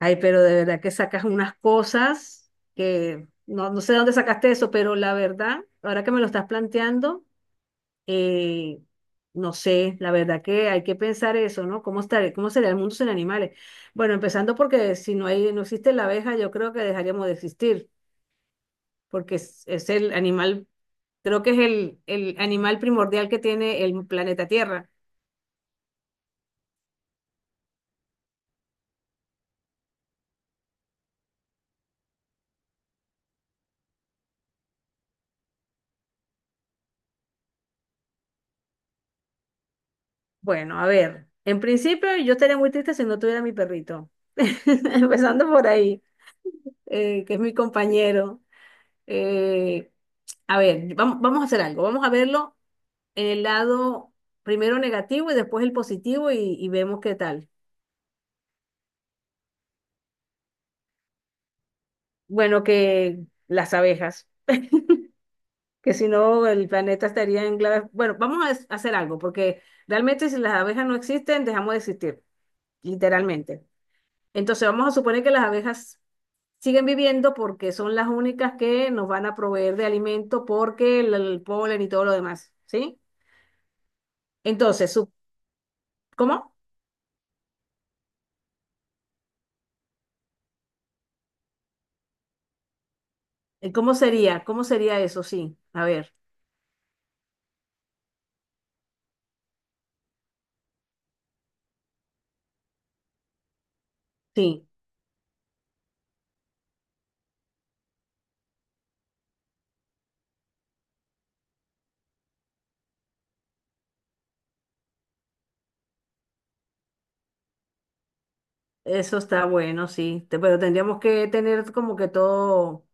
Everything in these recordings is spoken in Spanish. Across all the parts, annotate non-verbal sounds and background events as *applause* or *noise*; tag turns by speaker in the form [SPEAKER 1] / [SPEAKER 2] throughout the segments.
[SPEAKER 1] Ay, pero de verdad que sacas unas cosas que no sé de dónde sacaste eso, pero la verdad, ahora que me lo estás planteando, eh, no sé, la verdad que hay que pensar eso, ¿no? ¿Cómo estar, cómo sería el mundo sin animales? Bueno, empezando porque si no hay, no existe la abeja, yo creo que dejaríamos de existir, porque es el animal, creo que es el animal primordial que tiene el planeta Tierra. Bueno, a ver, en principio yo estaría muy triste si no tuviera mi perrito. *laughs* Empezando por ahí. Que es mi compañero. Eh, a ver, vamos a hacer algo. Vamos a verlo en el lado primero negativo y después el positivo y vemos qué tal. Bueno, que las abejas, que si no el planeta estaría en clave. Bueno, vamos a hacer algo, porque realmente si las abejas no existen, dejamos de existir, literalmente. Entonces vamos a suponer que las abejas siguen viviendo porque son las únicas que nos van a proveer de alimento porque el polen y todo lo demás, ¿sí? Entonces, ¿cómo? ¿Cómo sería? ¿Cómo sería eso? Sí, a ver, sí, eso está bueno, sí, pero tendríamos que tener como que todo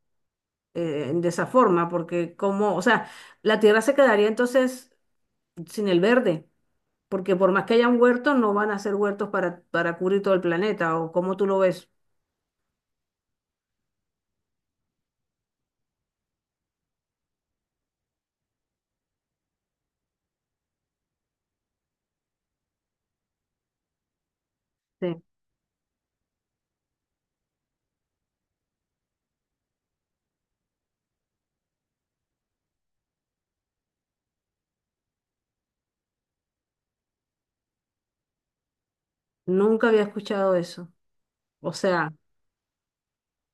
[SPEAKER 1] de esa forma, porque como, o sea, la tierra se quedaría entonces sin el verde, porque por más que haya un huerto, no van a ser huertos para cubrir todo el planeta, o como tú lo ves. Sí, nunca había escuchado eso. O sea,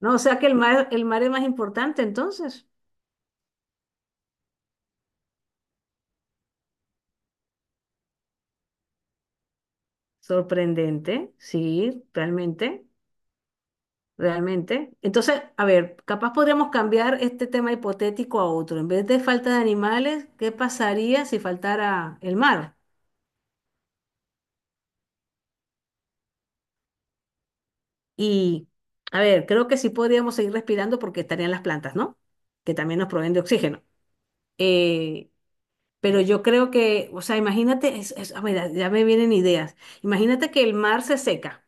[SPEAKER 1] no, o sea que el mar es más importante entonces. Sorprendente, sí, realmente. Realmente. Entonces, a ver, capaz podríamos cambiar este tema hipotético a otro. En vez de falta de animales, ¿qué pasaría si faltara el mar? Y, a ver, creo que sí podríamos seguir respirando porque estarían las plantas, ¿no? Que también nos proveen de oxígeno. Eh, pero yo creo que, o sea, imagínate, a ver, ya me vienen ideas. Imagínate que el mar se seca.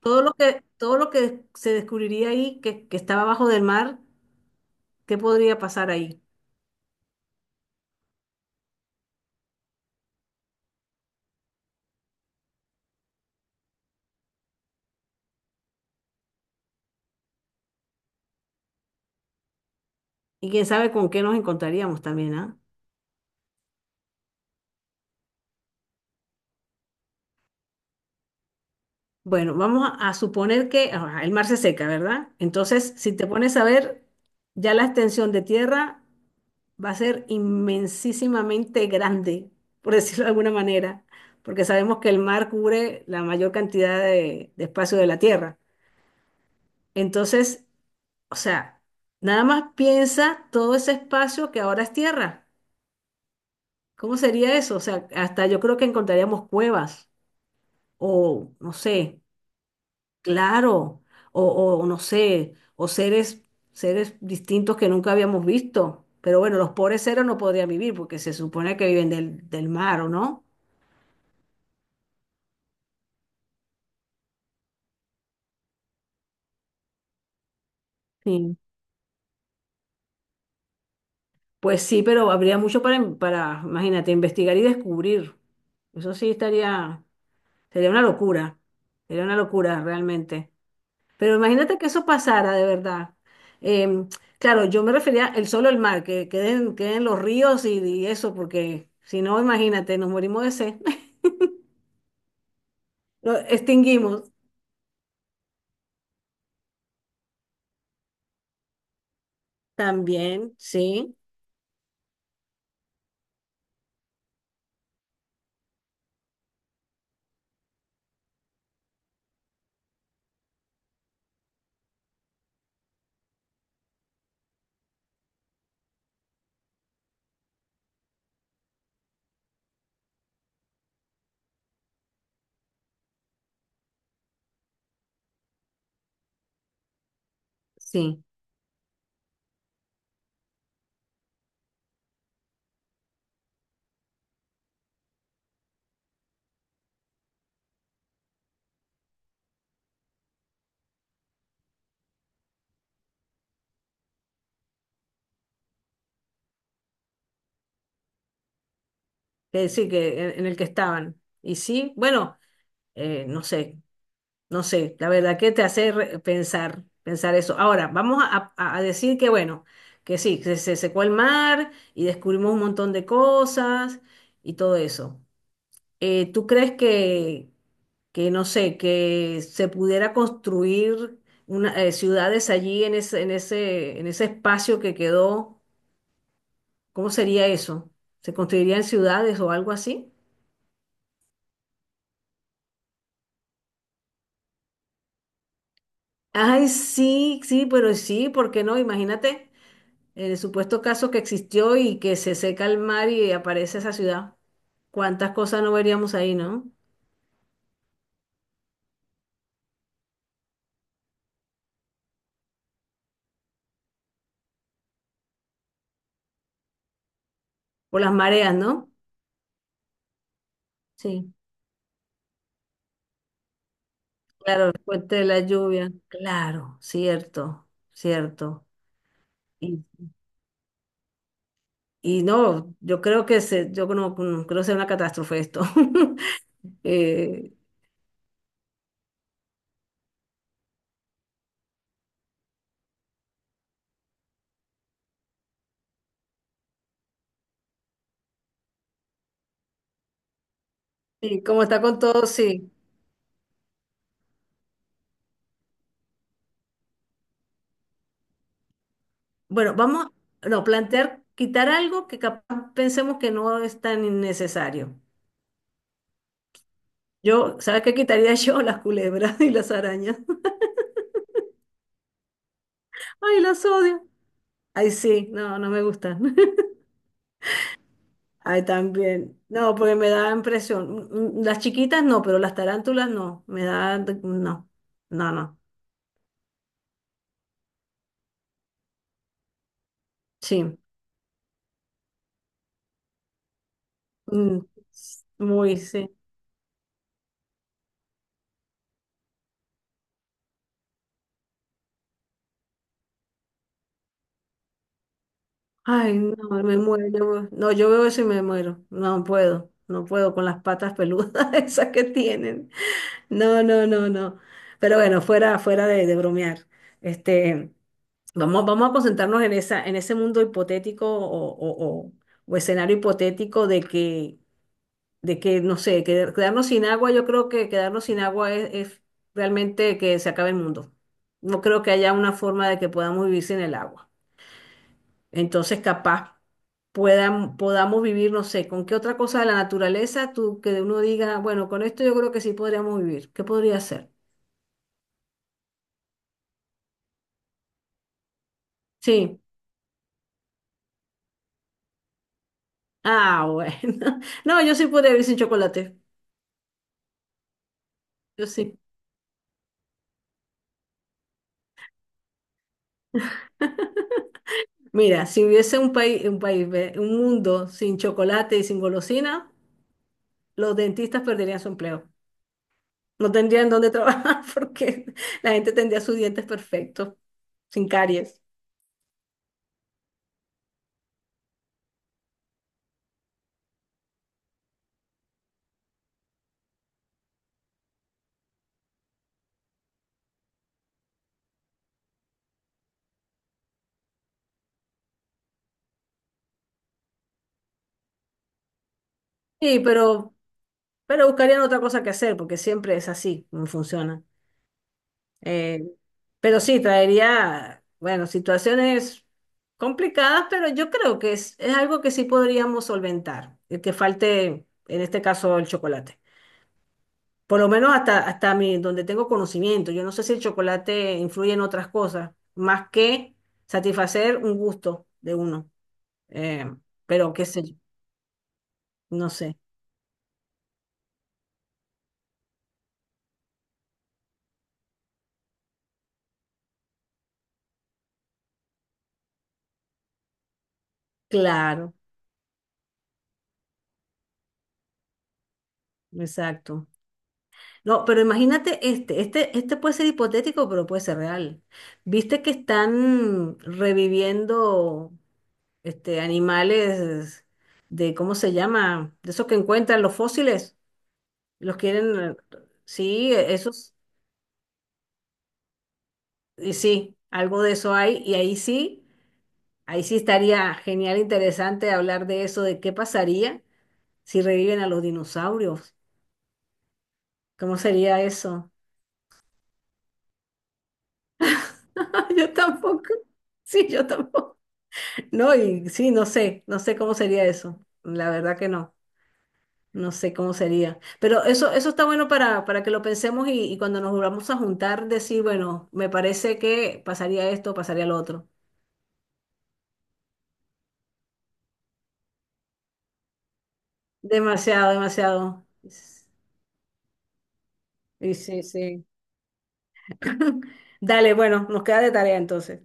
[SPEAKER 1] Todo lo todo lo que se descubriría ahí, que estaba abajo del mar, ¿qué podría pasar ahí? Y quién sabe con qué nos encontraríamos también, ¿ah? Bueno, vamos a suponer que ajá, el mar se seca, ¿verdad? Entonces, si te pones a ver, ya la extensión de tierra va a ser inmensísimamente grande, por *laughs* decirlo de alguna manera, porque sabemos que el mar cubre la mayor cantidad de espacio de la tierra. Entonces, o sea, nada más piensa todo ese espacio que ahora es tierra. ¿Cómo sería eso? O sea, hasta yo creo que encontraríamos cuevas o, no sé, claro, o, o no sé, seres distintos que nunca habíamos visto. Pero bueno, los pobres seres no podrían vivir porque se supone que viven del mar, ¿o no? Sí. Pues sí, pero habría mucho para, para, imagínate, investigar y descubrir. Eso sí estaría, sería una locura, sería una locura realmente. Pero imagínate que eso pasara de verdad. Em, claro, yo me refería el solo el mar, que queden, queden los ríos y eso, porque si no, imagínate, nos morimos de sed. *laughs* Lo extinguimos también, sí, sí, sí, que en el que estaban. Y sí, bueno, no sé, no sé, la verdad, que te hace pensar, pensar eso. Ahora, vamos a decir que, bueno, que sí, que se secó el mar y descubrimos un montón de cosas y todo eso. ¿Tú crees que, no sé, que se pudiera construir una, ciudades allí en ese, en ese, en ese espacio que quedó? ¿Cómo sería eso? ¿Se construirían ciudades o algo así? Ay, sí, sí, pero sí, ¿por qué no? Imagínate el supuesto caso que existió y que se seca el mar y aparece esa ciudad. ¿Cuántas cosas no veríamos ahí, no? Por las mareas, ¿no? Sí, claro, el puente de la lluvia. Claro, cierto, cierto. Y, y no, yo creo que se, yo no, no creo sea una catástrofe esto. *laughs* Eh, y como está con todo, sí. Bueno, vamos no, plantear quitar algo que capaz pensemos que no es tan innecesario. Yo, ¿sabes qué quitaría *laughs* yo? Las culebras y las arañas. *laughs* Ay, las odio. Ay, sí, no, no me gustan. *laughs* Ay, también. No, porque me da impresión. Mm, mm, las chiquitas no, pero las tarántulas no. Me da, no, no, no. Sí. Mm, muy, sí. Ay, no, me muero. No, yo veo eso y me muero. No puedo, no puedo con las patas peludas *laughs* esas que tienen. No, no, no, no. Pero bueno, fuera, fuera de bromear. Este, vamos a concentrarnos en esa, en ese mundo hipotético o, o escenario hipotético de que, no sé, quedarnos sin agua, yo creo que quedarnos sin agua es realmente que se acabe el mundo. No creo que haya una forma de que podamos vivir sin el agua. Entonces, capaz podamos vivir, no sé, con qué otra cosa de la naturaleza tú que uno diga, bueno, con esto yo creo que sí podríamos vivir. ¿Qué podría ser? Sí. Ah, bueno. *laughs* No, yo sí podría vivir sin chocolate. Yo sí. Mira, si hubiese un país, ve, un mundo sin chocolate y sin golosina, los dentistas perderían su empleo. No tendrían dónde trabajar *laughs* porque la gente tendría sus dientes perfectos, sin caries. Sí, pero, pero buscarían otra cosa que hacer porque siempre es así, no funciona. Eh, pero sí, traería, bueno, situaciones complicadas, pero yo creo que es algo que sí podríamos solventar, el que falte, en este caso, el chocolate. Por lo menos hasta, hasta mi, donde tengo conocimiento. Yo no sé si el chocolate influye en otras cosas, más que satisfacer un gusto de uno. Eh, pero qué sé yo, no sé. Claro, exacto. No, pero imagínate este puede ser hipotético, pero puede ser real. ¿Viste que están reviviendo animales de, ¿cómo se llama? De esos que encuentran los fósiles, los quieren, sí, esos, y sí, algo de eso hay, ahí sí estaría genial, interesante hablar de eso, de qué pasaría si reviven a los dinosaurios. ¿Cómo sería eso? *laughs* Yo tampoco, sí, yo tampoco. No, y sí, no sé, no sé cómo sería eso. La verdad que no, no sé cómo sería. Pero eso está bueno para que lo pensemos y cuando nos volvamos a juntar, decir, bueno, me parece que pasaría esto, pasaría lo otro. Demasiado, demasiado. Y sí, sí. *laughs* Dale, bueno, nos queda de tarea entonces.